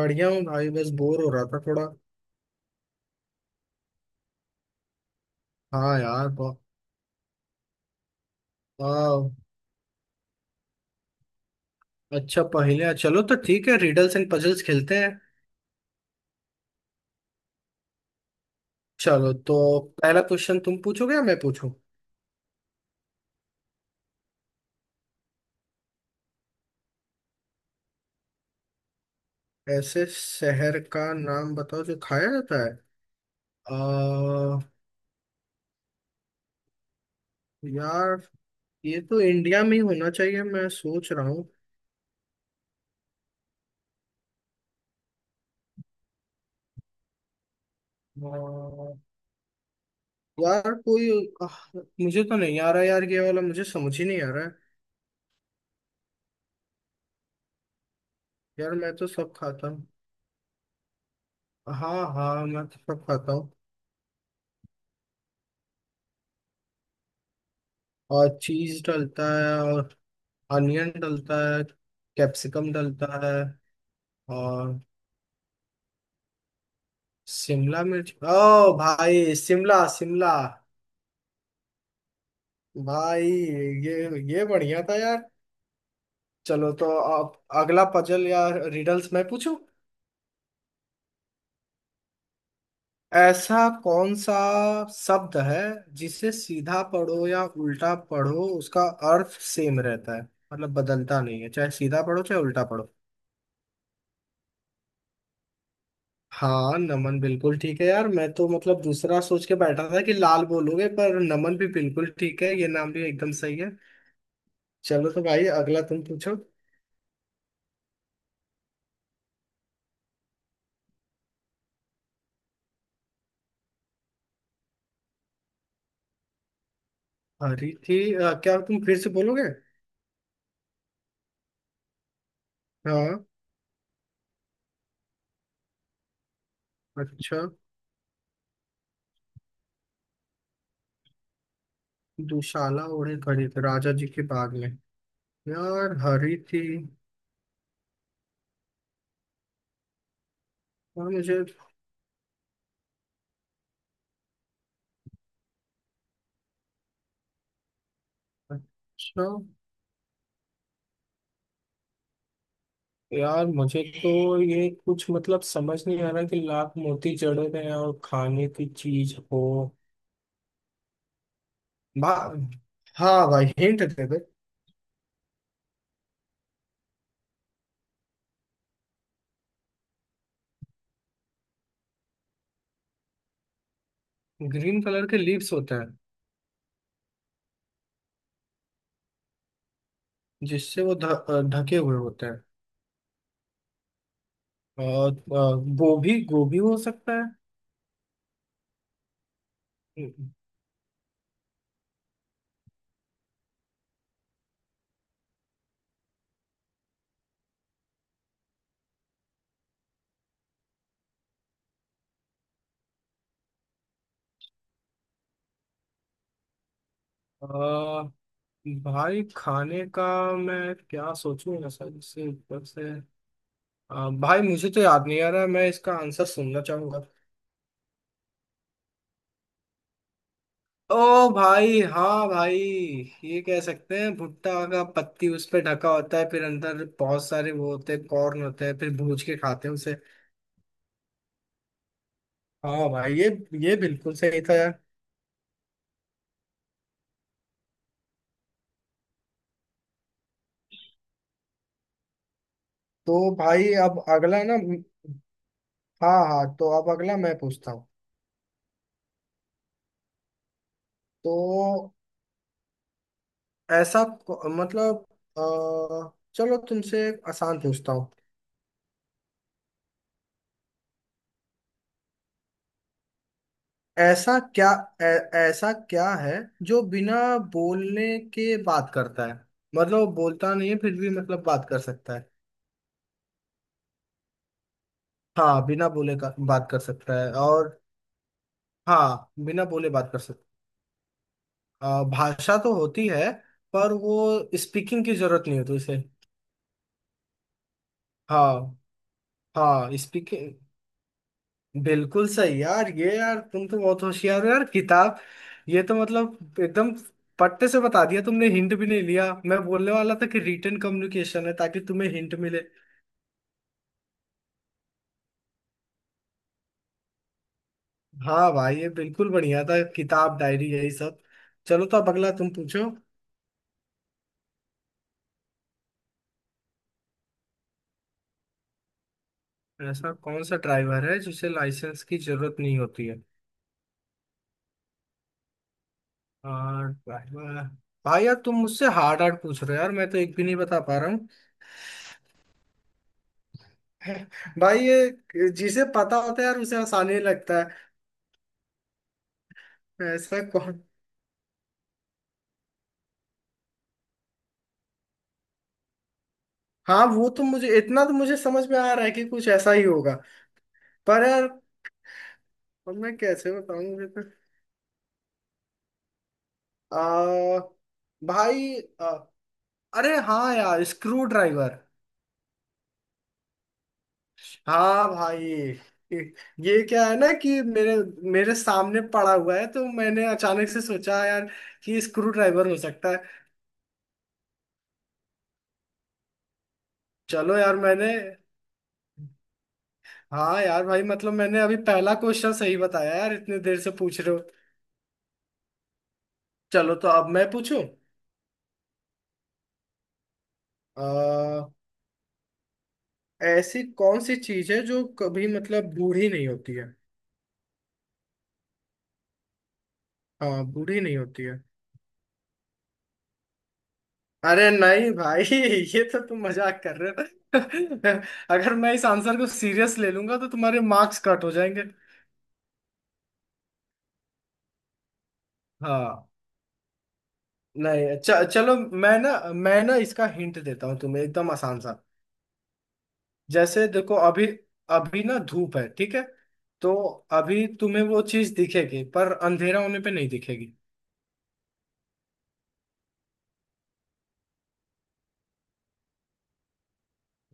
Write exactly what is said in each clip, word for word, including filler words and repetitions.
बढ़िया हूँ भाई। बस बोर हो रहा था थोड़ा। हाँ यार ब- वाह। अच्छा, पहेलियाँ, चलो तो ठीक है, रिडल्स एंड पजल्स खेलते हैं। चलो तो। पहला क्वेश्चन तुम पूछोगे या मैं पूछूं? ऐसे शहर का नाम बताओ जो खाया जाता है? आ, यार। ये तो इंडिया में ही होना चाहिए, मैं सोच रहा हूँ। अ, यार कोई। आह, मुझे तो नहीं आ रहा यार, ये वाला मुझे समझ ही नहीं आ रहा है। यार मैं तो सब खाता हूँ। हाँ हाँ, मैं तो सब खाता हूँ। और चीज डलता है, और अनियन डलता है। कैप्सिकम डलता है। और शिमला मिर्च, ओ भाई शिमला शिमला। भाई, ये ये बढ़िया था यार। चलो तो। अब अगला पजल या रिडल्स मैं पूछूं? ऐसा कौन सा शब्द है जिसे सीधा पढ़ो या उल्टा पढ़ो उसका अर्थ सेम रहता है, मतलब बदलता नहीं है, चाहे सीधा पढ़ो चाहे उल्टा पढ़ो? हाँ, नमन बिल्कुल ठीक है यार, मैं तो मतलब दूसरा सोच के बैठा था कि लाल बोलोगे, पर नमन भी बिल्कुल ठीक है, ये नाम भी एकदम सही है। चलो तो भाई, अगला तुम पूछो। हरी थी, अ, क्या तुम फिर से बोलोगे? हाँ। अच्छा। दुशाला ओढ़े खड़ी थी राजा जी के बाग में। यार हरी थी। यार मुझे। अच्छा। यार मुझे तो ये कुछ मतलब समझ नहीं आ रहा कि लाख मोती जड़े में और खाने की चीज हो। बा हाँ भाई, हिंट दे दो। ग्रीन कलर के लीव्स होते हैं जिससे वो ढ- अ, ढके हुए होते हैं। और अ, गोभी गोभी हो सकता है। अ, भाई खाने का, मैं क्या सोचूंगा सर इससे ऊपर से। अ, भाई मुझे तो याद नहीं आ रहा है, मैं इसका आंसर सुनना चाहूंगा। ओ भाई हाँ भाई। ये कह सकते हैं भुट्टा का पत्ती उस पे ढका होता है, फिर अंदर बहुत सारे वो होते हैं, कॉर्न होते हैं, फिर भूज के खाते हैं उसे। हाँ भाई, ये ये बिल्कुल सही था यार। तो भाई अब अगला ना। हाँ हाँ, तो अब अगला मैं पूछता हूँ। तो ऐसा को- मतलब, अ, चलो तुमसे एक आसान पूछता हूँ। ऐसा क्या ऐ, ऐसा क्या है जो बिना बोलने के बात करता है, मतलब वो बोलता नहीं है फिर भी मतलब बात कर सकता है? हाँ बिना बोले का बात कर सकता है, और हाँ बिना बोले बात कर सकता। अ, भाषा तो होती है, पर वो स्पीकिंग की जरूरत नहीं होती उसे। हाँ हाँ, स्पीकिंग। बिल्कुल सही यार, ये यार तुम तो बहुत होशियार हो यार, किताब। ये तो मतलब एकदम पट्टे से बता दिया तुमने, हिंट भी नहीं लिया, मैं बोलने वाला था कि रिटन कम्युनिकेशन है ताकि तुम्हें हिंट मिले। हाँ भाई, ये बिल्कुल बढ़िया था, किताब डायरी यही सब। चलो तो अब अगला तुम पूछो। ऐसा कौन सा ड्राइवर है जिसे लाइसेंस की जरूरत नहीं होती है? हाँ, ड्राइवर। भाई यार तुम मुझसे हार्ड हार्ड पूछ रहे हो यार, मैं तो एक भी नहीं बता पा रहा हूँ। भाई ये जिसे पता होता है यार उसे आसानी लगता है। ऐसा कौन? हाँ वो तो मुझे इतना तो मुझे समझ में आ रहा है कि कुछ ऐसा ही होगा। पर यार अब मैं कैसे बताऊं, मुझे तो। आ, भाई आ, अरे हाँ यार, स्क्रू ड्राइवर। हाँ भाई। ये क्या है ना कि मेरे मेरे सामने पड़ा हुआ है, तो मैंने अचानक से सोचा यार, कि स्क्रू ड्राइवर हो सकता है। चलो यार मैंने। हाँ यार भाई, मतलब मैंने अभी पहला क्वेश्चन सही बताया यार, इतने देर से पूछ रहे हो। चलो तो अब मैं पूछूं। आ, ऐसी कौन सी चीज है जो कभी मतलब बूढ़ी नहीं होती है? हाँ, बूढ़ी नहीं होती है। अरे नहीं भाई। ये तो तुम मजाक कर रहे हो। अगर मैं इस आंसर को सीरियस ले लूंगा तो तुम्हारे मार्क्स कट हो जाएंगे। हाँ। नहीं, च, चलो। मैं ना मैं ना इसका हिंट देता हूँ तुम्हें, एकदम आसान सा। जैसे देखो, अभी अभी ना धूप है ठीक है। तो अभी तुम्हें वो चीज दिखेगी, पर अंधेरा होने पे नहीं दिखेगी।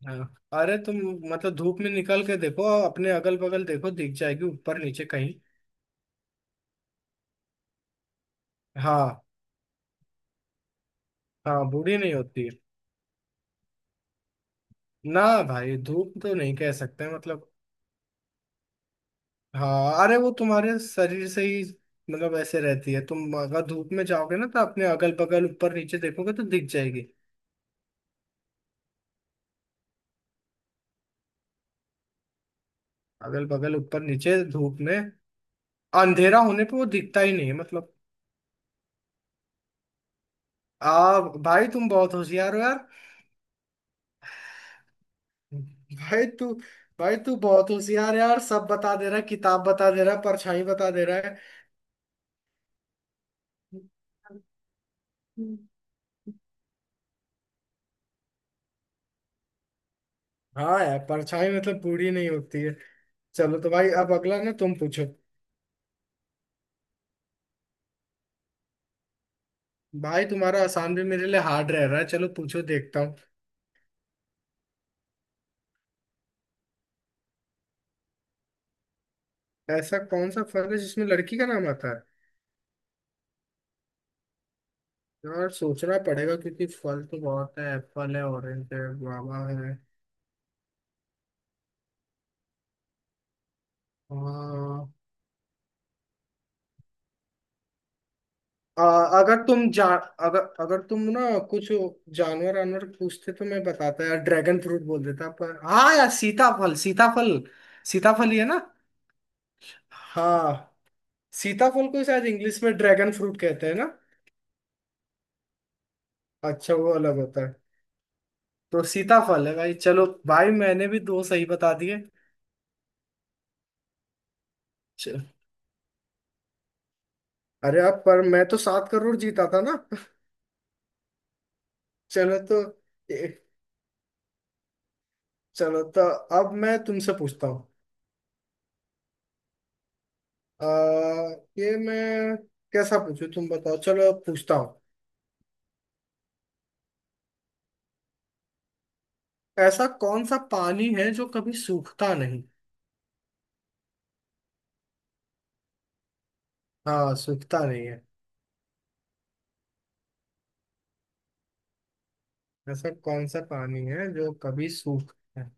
हाँ, अरे तुम, मतलब धूप में निकल के देखो। अपने अगल बगल देखो दिख जाएगी, ऊपर नीचे कहीं। हाँ। हाँ, बूढ़ी नहीं होती है। ना। भाई धूप तो नहीं कह सकते मतलब। हाँ, अरे वो तुम्हारे शरीर से ही, मतलब ऐसे रहती है, तुम अगर धूप में जाओगे ना तो अपने अगल बगल ऊपर नीचे देखोगे तो दिख जाएगी। अगल बगल ऊपर नीचे धूप में। अंधेरा होने पे वो दिखता ही नहीं है मतलब। आ भाई तुम बहुत होशियार हो यार। भाई तू भाई तू बहुत होशियार है यार, सब बता दे रहा है, किताब बता दे रहा है, परछाई बता दे रहा है। हाँ यार, परछाई मतलब पूरी नहीं होती है। चलो तो भाई, अब अगला ना तुम पूछो। भाई तुम्हारा आसान भी मेरे लिए हार्ड रह रहा है, चलो पूछो देखता हूँ। ऐसा कौन सा फल है जिसमें लड़की का नाम आता है? यार सोचना पड़ेगा, क्योंकि फल तो बहुत है, एप्पल है, ऑरेंज है, गुआवा है। हाँ। आ, अगर तुम जा अगर अगर तुम ना कुछ जानवर वानवर पूछते तो मैं बताता यार ड्रैगन फ्रूट बोल देता, पर हाँ यार सीताफल सीताफल। सीताफल ही है ना? हाँ। सीताफल को शायद इंग्लिश में ड्रैगन फ्रूट कहते हैं ना? अच्छा, वो अलग होता है। तो सीताफल है भाई, चलो भाई मैंने भी दो सही बता दिए। च- अरे, अब पर मैं तो सात करोड़ जीता था ना। चलो तो ए- चलो तो अब मैं तुमसे पूछता हूँ। आ, ये मैं कैसा पूछूं तुम बताओ, चलो अब पूछता हूँ। ऐसा कौन सा पानी है जो कभी सूखता नहीं? हाँ, सूखता नहीं है। ऐसा कौन सा पानी है जो कभी सूखता है?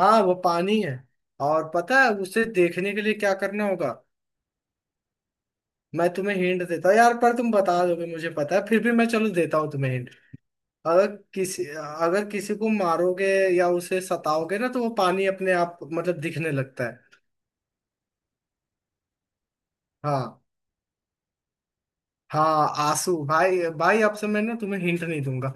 हाँ वो पानी है। और पता है उसे देखने के लिए क्या करना होगा? मैं तुम्हें हिंट देता हूँ यार, पर तुम बता दोगे मुझे पता है, फिर भी मैं चलो देता हूँ तुम्हें हिंट। अगर किसी अगर किसी को मारोगे, या उसे सताओगे ना तो वो पानी अपने आप मतलब दिखने लगता है। हाँ। हाँ आंसू भाई, भाई अब से मैं ना तुम्हें हिंट नहीं दूंगा।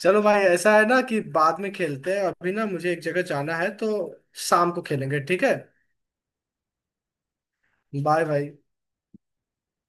चलो भाई ऐसा है ना कि बाद में खेलते हैं, अभी ना मुझे एक जगह जाना है तो शाम को खेलेंगे ठीक है? बाय भाई।